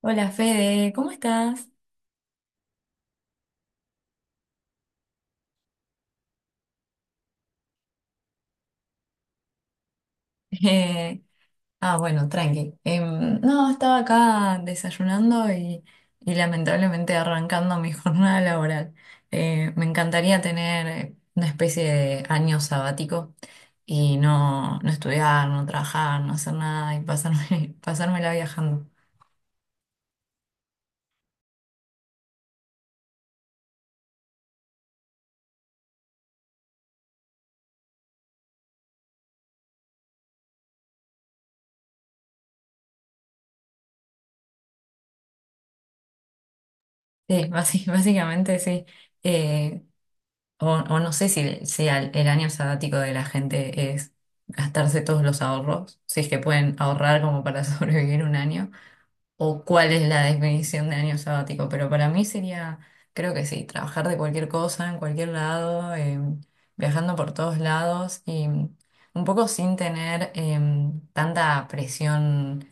Hola Fede, ¿cómo estás? Eh, bueno, tranqui. No, estaba acá desayunando y lamentablemente arrancando mi jornada laboral. Me encantaría tener una especie de año sabático y no, no estudiar, no trabajar, no hacer nada y pasármela viajando. Sí, básicamente sí. Eh, o no sé si el año sabático de la gente es gastarse todos los ahorros, si es que pueden ahorrar como para sobrevivir un año, o cuál es la definición de año sabático, pero para mí sería, creo que sí, trabajar de cualquier cosa, en cualquier lado, viajando por todos lados y un poco sin tener tanta presión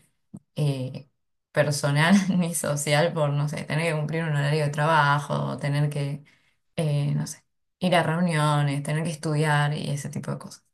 eh, personal ni social por, no sé, tener que cumplir un horario de trabajo, tener que, no sé, ir a reuniones, tener que estudiar y ese tipo de cosas.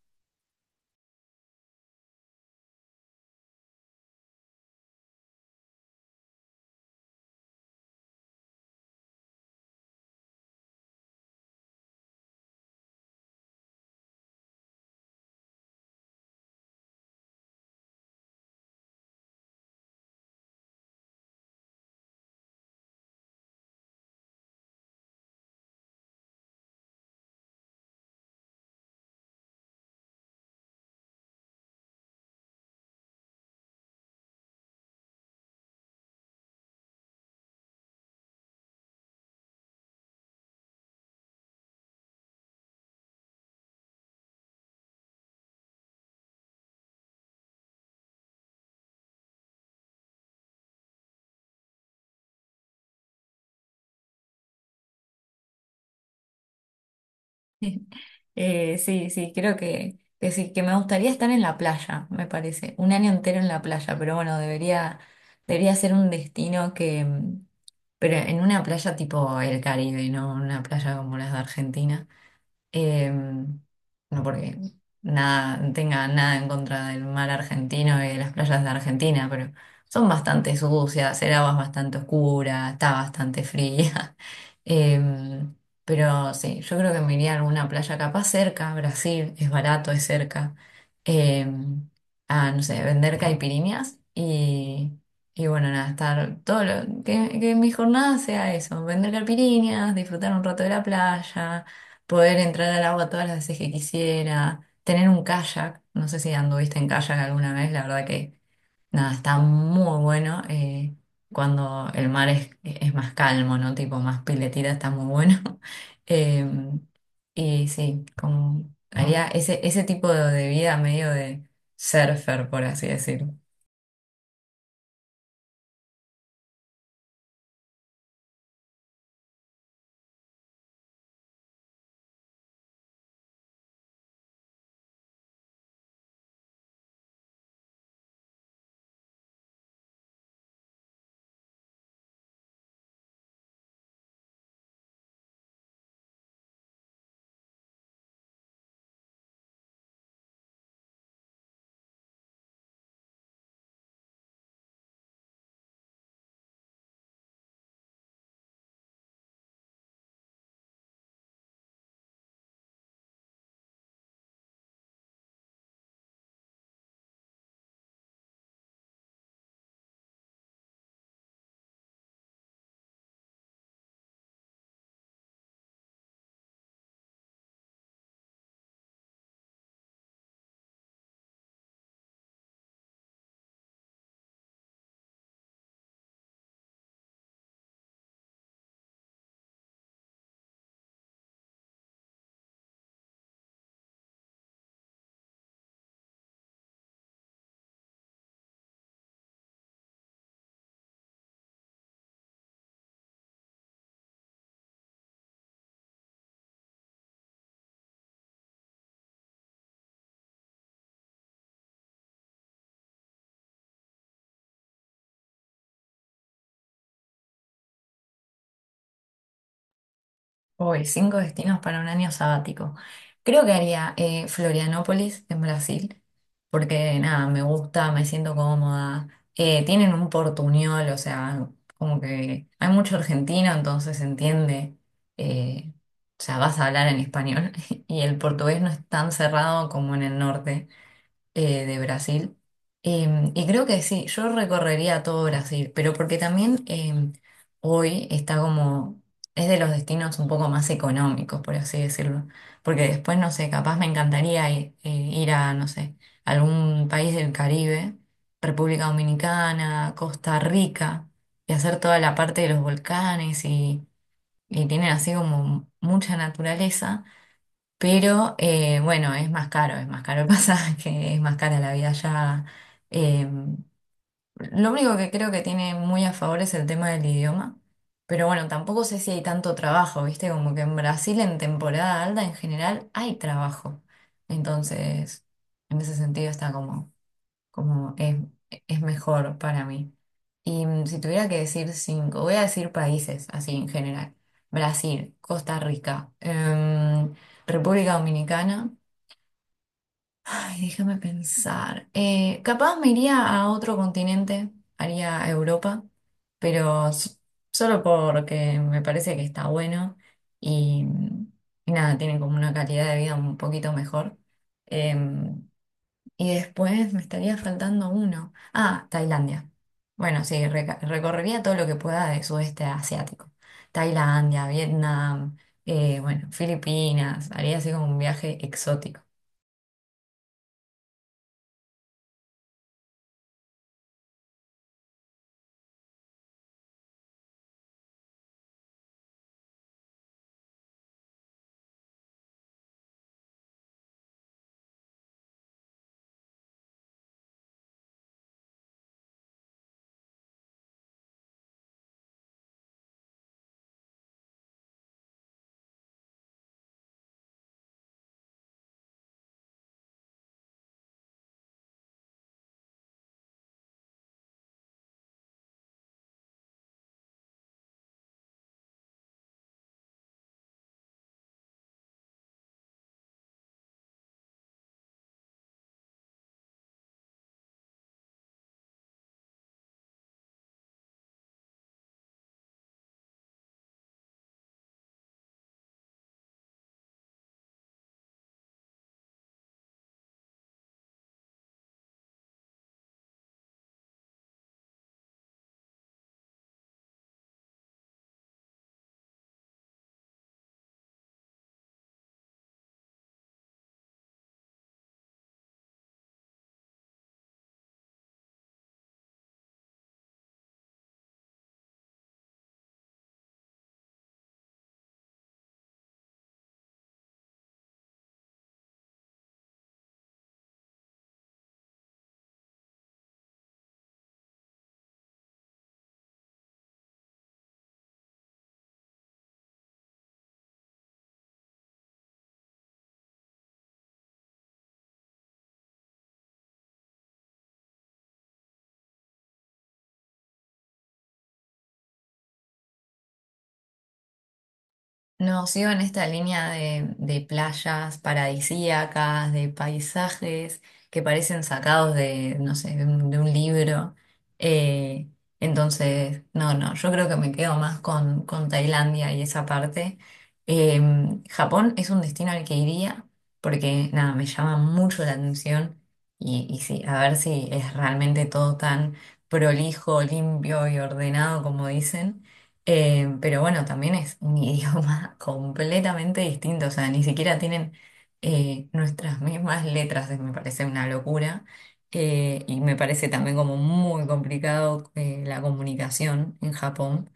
Sí, sí, creo que sí, que me gustaría estar en la playa, me parece, un año entero en la playa, pero bueno, debería ser un destino que pero en una playa tipo el Caribe, no una playa como las de Argentina. No porque nada, tenga nada en contra del mar argentino y de las playas de Argentina, pero son bastante sucias, el agua es bastante oscura, está bastante fría. Eh, pero sí, yo creo que me iría a alguna playa capaz cerca, Brasil, es barato, es cerca, eh, no sé, vender caipiriñas y... Y bueno, nada, estar todo que mi jornada sea eso, vender caipiriñas, disfrutar un rato de la playa, poder entrar al agua todas las veces que quisiera, tener un kayak, no sé si anduviste en kayak alguna vez, la verdad que nada, está muy bueno cuando el mar es más calmo, ¿no? Tipo más piletita, está muy bueno. Eh, y sí, como haría ese tipo de vida medio de surfer, por así decir. Uy, cinco destinos para un año sabático. Creo que haría Florianópolis en Brasil, porque nada, me gusta, me siento cómoda. Tienen un portuñol, o sea, como que hay mucho argentino, entonces se entiende. eh, o sea, vas a hablar en español y el portugués no es tan cerrado como en el norte de Brasil. Y creo que sí, yo recorrería todo Brasil, pero porque también hoy está es de los destinos un poco más económicos, por así decirlo. Porque después, no sé, capaz me encantaría ir a, no sé, algún país del Caribe, República Dominicana, Costa Rica, y hacer toda la parte de los volcanes y tienen así como mucha naturaleza. Pero bueno, es más caro el pasaje, es más cara la vida allá. Eh, lo único que creo que tiene muy a favor es el tema del idioma. Pero bueno, tampoco sé si hay tanto trabajo, ¿viste? Como que en Brasil en temporada alta en general hay trabajo. Entonces, en ese sentido está como como es, es mejor para mí. Si tuviera que decir cinco, voy a decir países así en general. Brasil, Costa Rica, República Dominicana. Ay, déjame pensar. Capaz me iría a otro continente, haría Europa, pero solo porque me parece que está bueno y y nada, tienen como una calidad de vida un poquito mejor. Em, y después me estaría faltando uno. Ah, Tailandia. Bueno, sí, recorrería todo lo que pueda de sudeste asiático. Tailandia, Vietnam, bueno, Filipinas. Haría así como un viaje exótico. No, sigo en esta línea de playas paradisíacas, de paisajes que parecen sacados de, no sé, de un libro. Eh, entonces, no, no, yo creo que me quedo más con Tailandia y esa parte. Eh, Japón es un destino al que iría porque, nada, me llama mucho la atención y sí, a ver si es realmente todo tan prolijo, limpio y ordenado como dicen. Pero bueno, también es un idioma completamente distinto, o sea, ni siquiera tienen nuestras mismas letras, me parece una locura. Y me parece también como muy complicado la comunicación en Japón.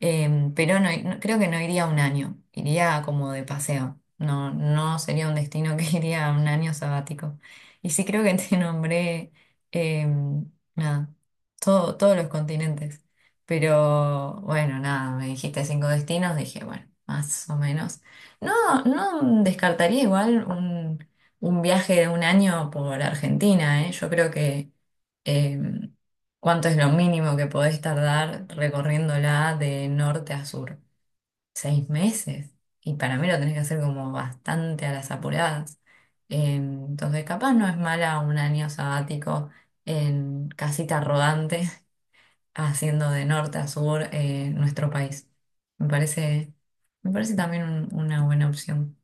Pero no, creo que no iría un año, iría como de paseo. No, no sería un destino que iría un año sabático. Y sí creo que te nombré nada, todos los continentes. Pero bueno, nada, me dijiste cinco destinos, dije, bueno, más o menos. No, no descartaría igual un viaje de un año por Argentina, ¿eh? Yo creo que em, ¿cuánto es lo mínimo que podés tardar recorriéndola de norte a sur? Seis meses. Y para mí lo tenés que hacer como bastante a las apuradas. Entonces, capaz no es mala un año sabático en casita rodante, haciendo de norte a sur nuestro país. Me parece, Me parece también una buena opción.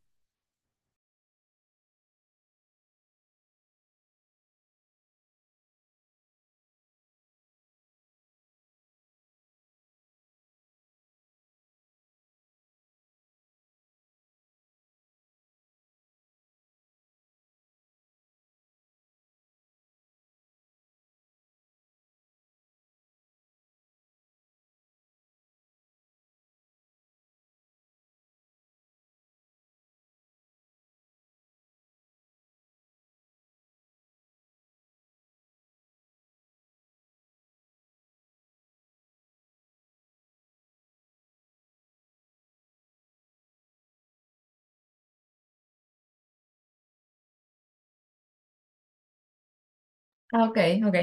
Ah, ok, ok.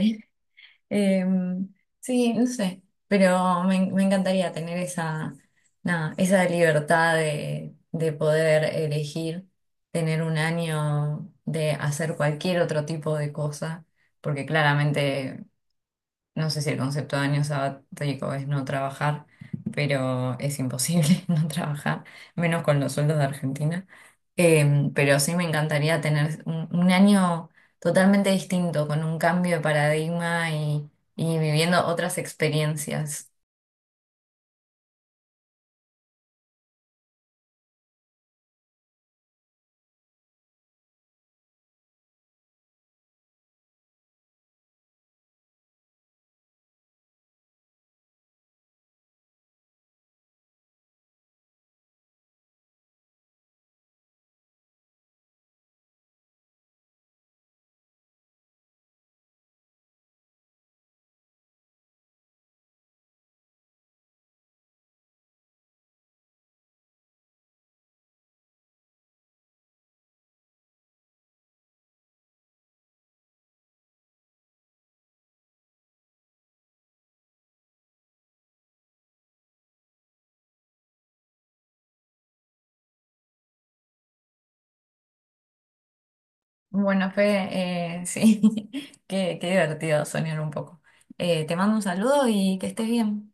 Eh, sí, no sé, pero me encantaría tener esa, nada, esa libertad de poder elegir, tener un año de hacer cualquier otro tipo de cosa, porque claramente no sé si el concepto de año sabático es no trabajar, pero es imposible no trabajar, menos con los sueldos de Argentina. Pero sí me encantaría tener un año totalmente distinto, con un cambio de paradigma y viviendo otras experiencias. Bueno, Fede, sí, qué divertido soñar un poco. Te mando un saludo y que estés bien.